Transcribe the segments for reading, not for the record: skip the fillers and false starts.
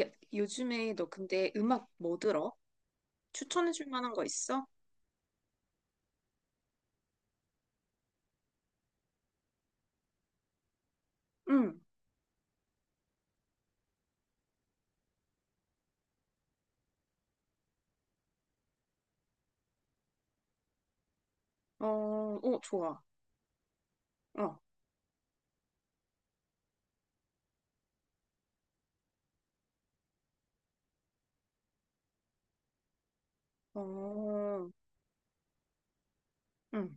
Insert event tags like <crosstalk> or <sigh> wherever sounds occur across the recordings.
야, 요즘에 너 근데 음악 뭐 들어? 추천해줄 만한 거 있어? 응. 어, 어, 좋아. 어, 어, 응,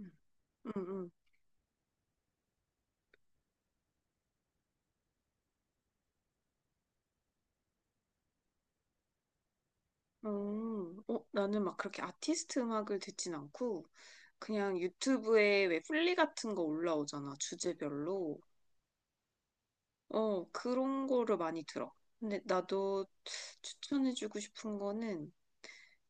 응, 응, 응. 어, 나는 막 그렇게 아티스트 음악을 듣진 않고 그냥 유튜브에 왜 플리 같은 거 올라오잖아, 주제별로. 어, 그런 거를 많이 들어. 근데 나도 추천해주고 싶은 거는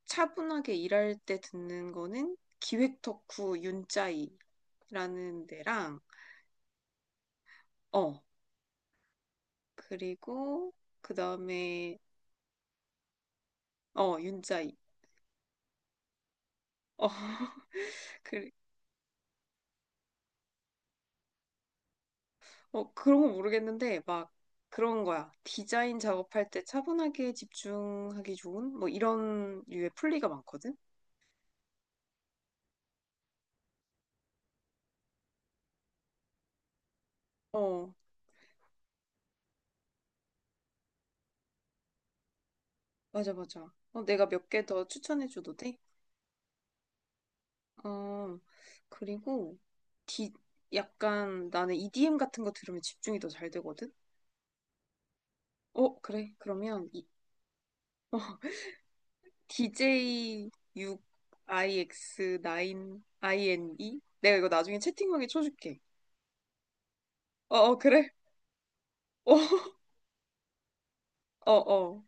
차분하게 일할 때 듣는 거는 기획 덕후 윤짜이라는 데랑, 어, 그리고 그 다음에, 어, 윤짜이. 어, <laughs> 그, 어, 그런 거 모르겠는데 막 그런 거야. 디자인 작업할 때 차분하게 집중하기 좋은 뭐 이런 류의 플리가 많거든. 어, 맞아, 맞아. 어, 내가 몇 개 더 추천해줘도 돼? 아, 그리고 디, 약간 나는 EDM 같은 거 들으면 집중이 더 잘 되거든? 어, 그래. 그러면 이, DJ6IX9INE? 내가 이거 나중에 채팅방에 쳐줄게. 어, 어, 그래. 어, <laughs> 어, 어.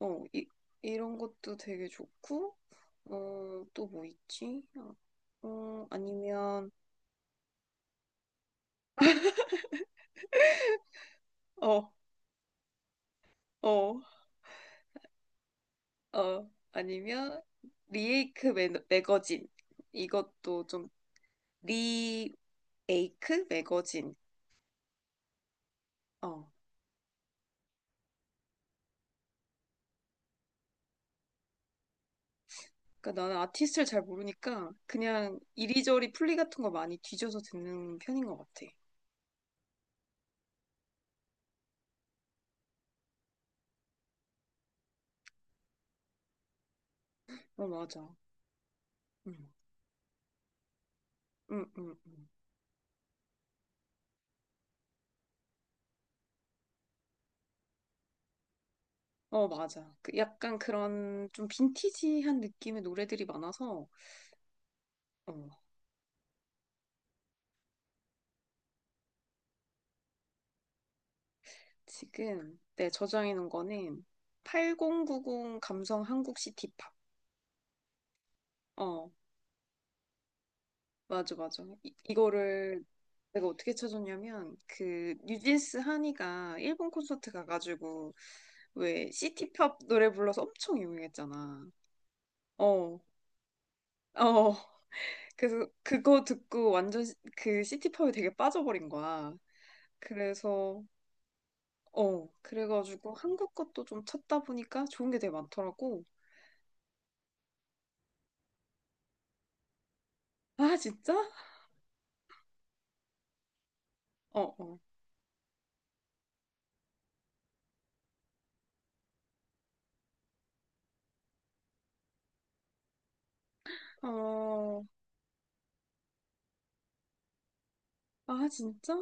어, 이런 것도 되게 좋고, 어, 또 뭐 있지? 어, 어, 아니면, 어, 어, 어, 아니면, 리에이크 매거진. 이것도 좀 리에이크 매거진. 어. 그러니까 나는 아티스트를 잘 모르니까 그냥 이리저리 플리 같은 거 많이 뒤져서 듣는 편인 것 같아. 어, 맞아. 음, 음, 음, 음. 어, 맞아. 그 약간 그런 좀 빈티지한 느낌의 노래들이 많아서. 어, 지금 내 저장해 놓은 거는 8090 감성 한국 시티팝. 어, 맞아, 맞아. 이거를 내가 어떻게 찾았냐면 그 뉴진스 한이가 일본 콘서트 가가지고 왜 시티팝 노래 불러서 엄청 유명했잖아. 어, 어. 그래서 그거 듣고 완전 그 시티팝에 되게 빠져버린 거야. 그래서, 어, 그래가지고 한국 것도 좀 찾다 보니까 좋은 게 되게 많더라고. 아, 진짜? 어, 어. 어, 아, 진짜?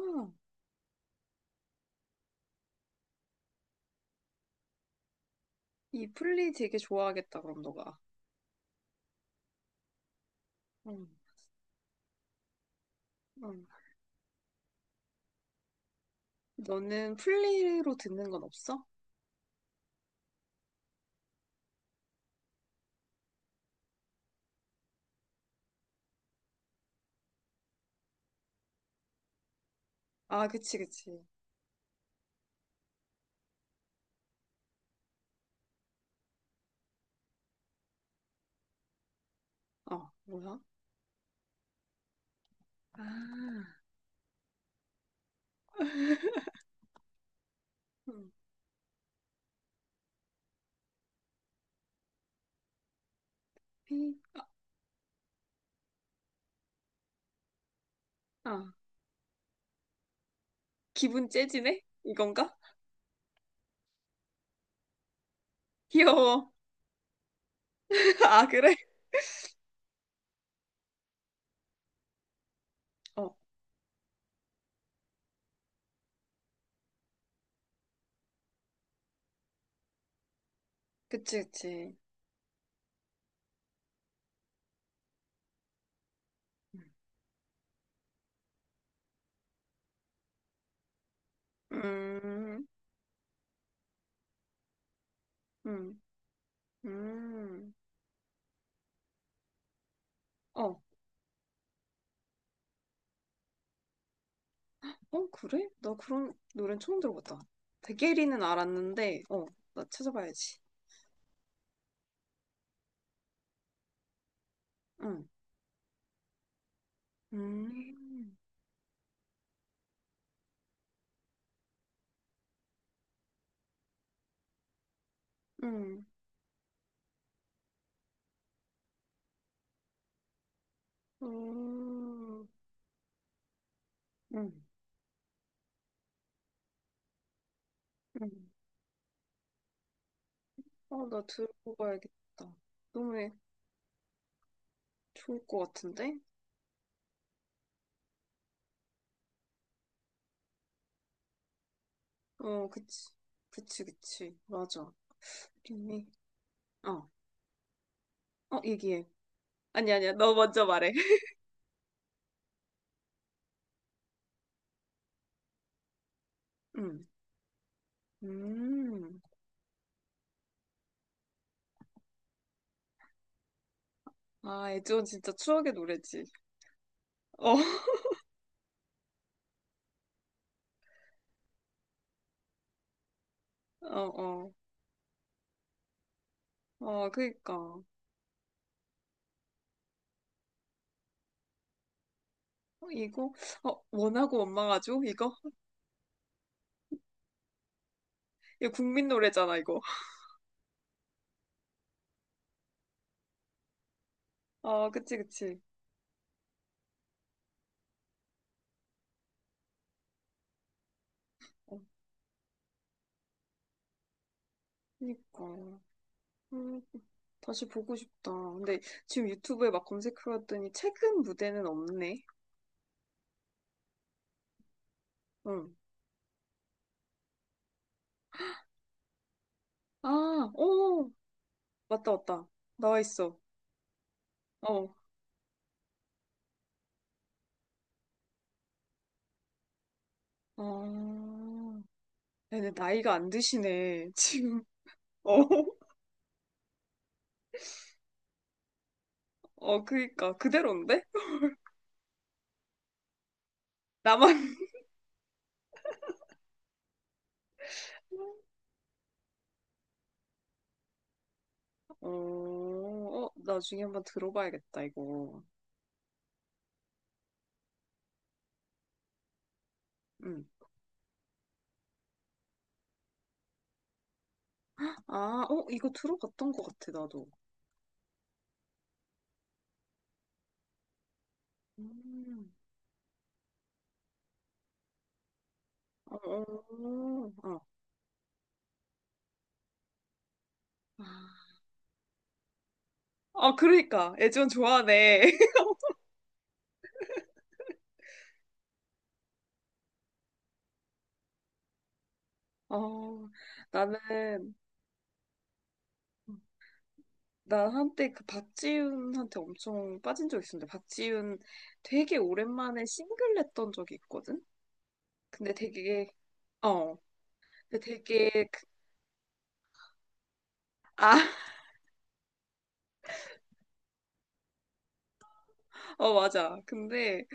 이 플리 되게 좋아하겠다, 그럼 너가. 응, 응. 너는 플리로 듣는 건 없어? 아, 그치, 그치. 어, 뭐야? 아, 음, 피, 아, 아, 기분 째지네? 이건가? 귀여워. <laughs> 아, 그래? 어, 그치, 그치. 음. 음, 음, 음. 어, 어, 그래? 나 그런 노래는 처음 들어봤다. 대게리는 알았는데, 어, 나 찾아봐야지. 응, 음, 음. 음, 음, 음, 음. 어, 나 들고 가야겠다. 너무 좋을 것 같은데? 어, 그치. 그치, 그치. 맞아. 그림이. 어, 어, 얘기해. 아니, 아니야. 너 먼저 말해. <laughs> 음. 음. 아, 애지원 진짜 추억의 노래지. 어, <laughs> 어, 어. 어, 그니까. 어, 이거? 어, 원하고 원망하죠? 이거? 이거 국민 노래잖아, 이거. <laughs> 아, 그치, 그치. 어, 그니까. 음, 다시 보고 싶다. 근데 지금 유튜브에 막 검색해봤더니 최근 무대는 없네. 응. 아, 오! 맞다, 맞다. 나와 있어. 어. 아, 얘네 나이가 안 드시네, 지금. <laughs> 어, 어, 그니까, 그대로인데? 나만, 어, 어, 나중에 한번 들어봐야겠다, 이거. 응. 아, 어, 이거 들어봤던 것 같아, 나도. 음, 어, 어, 어. 아, 그러니까, 애지원 좋아하네. <laughs> 어, 나는, 나 한때 그 박지윤한테 엄청 빠진 적 있었는데, 박지윤 되게 오랜만에 싱글 냈던 적이 있거든? 근데 되게, 어. 근데 되게 아, <laughs> 어, 맞아. 근데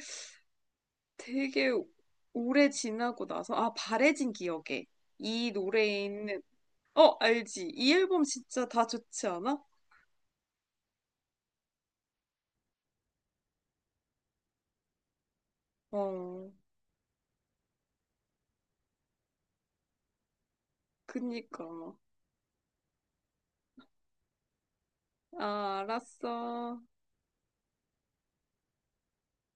되게 오래 지나고 나서, 아, 바래진 기억에 이 노래에 있는, 어, 알지. 이 앨범 진짜 다 좋지 않아? 어. 그니까. 아, 알았어.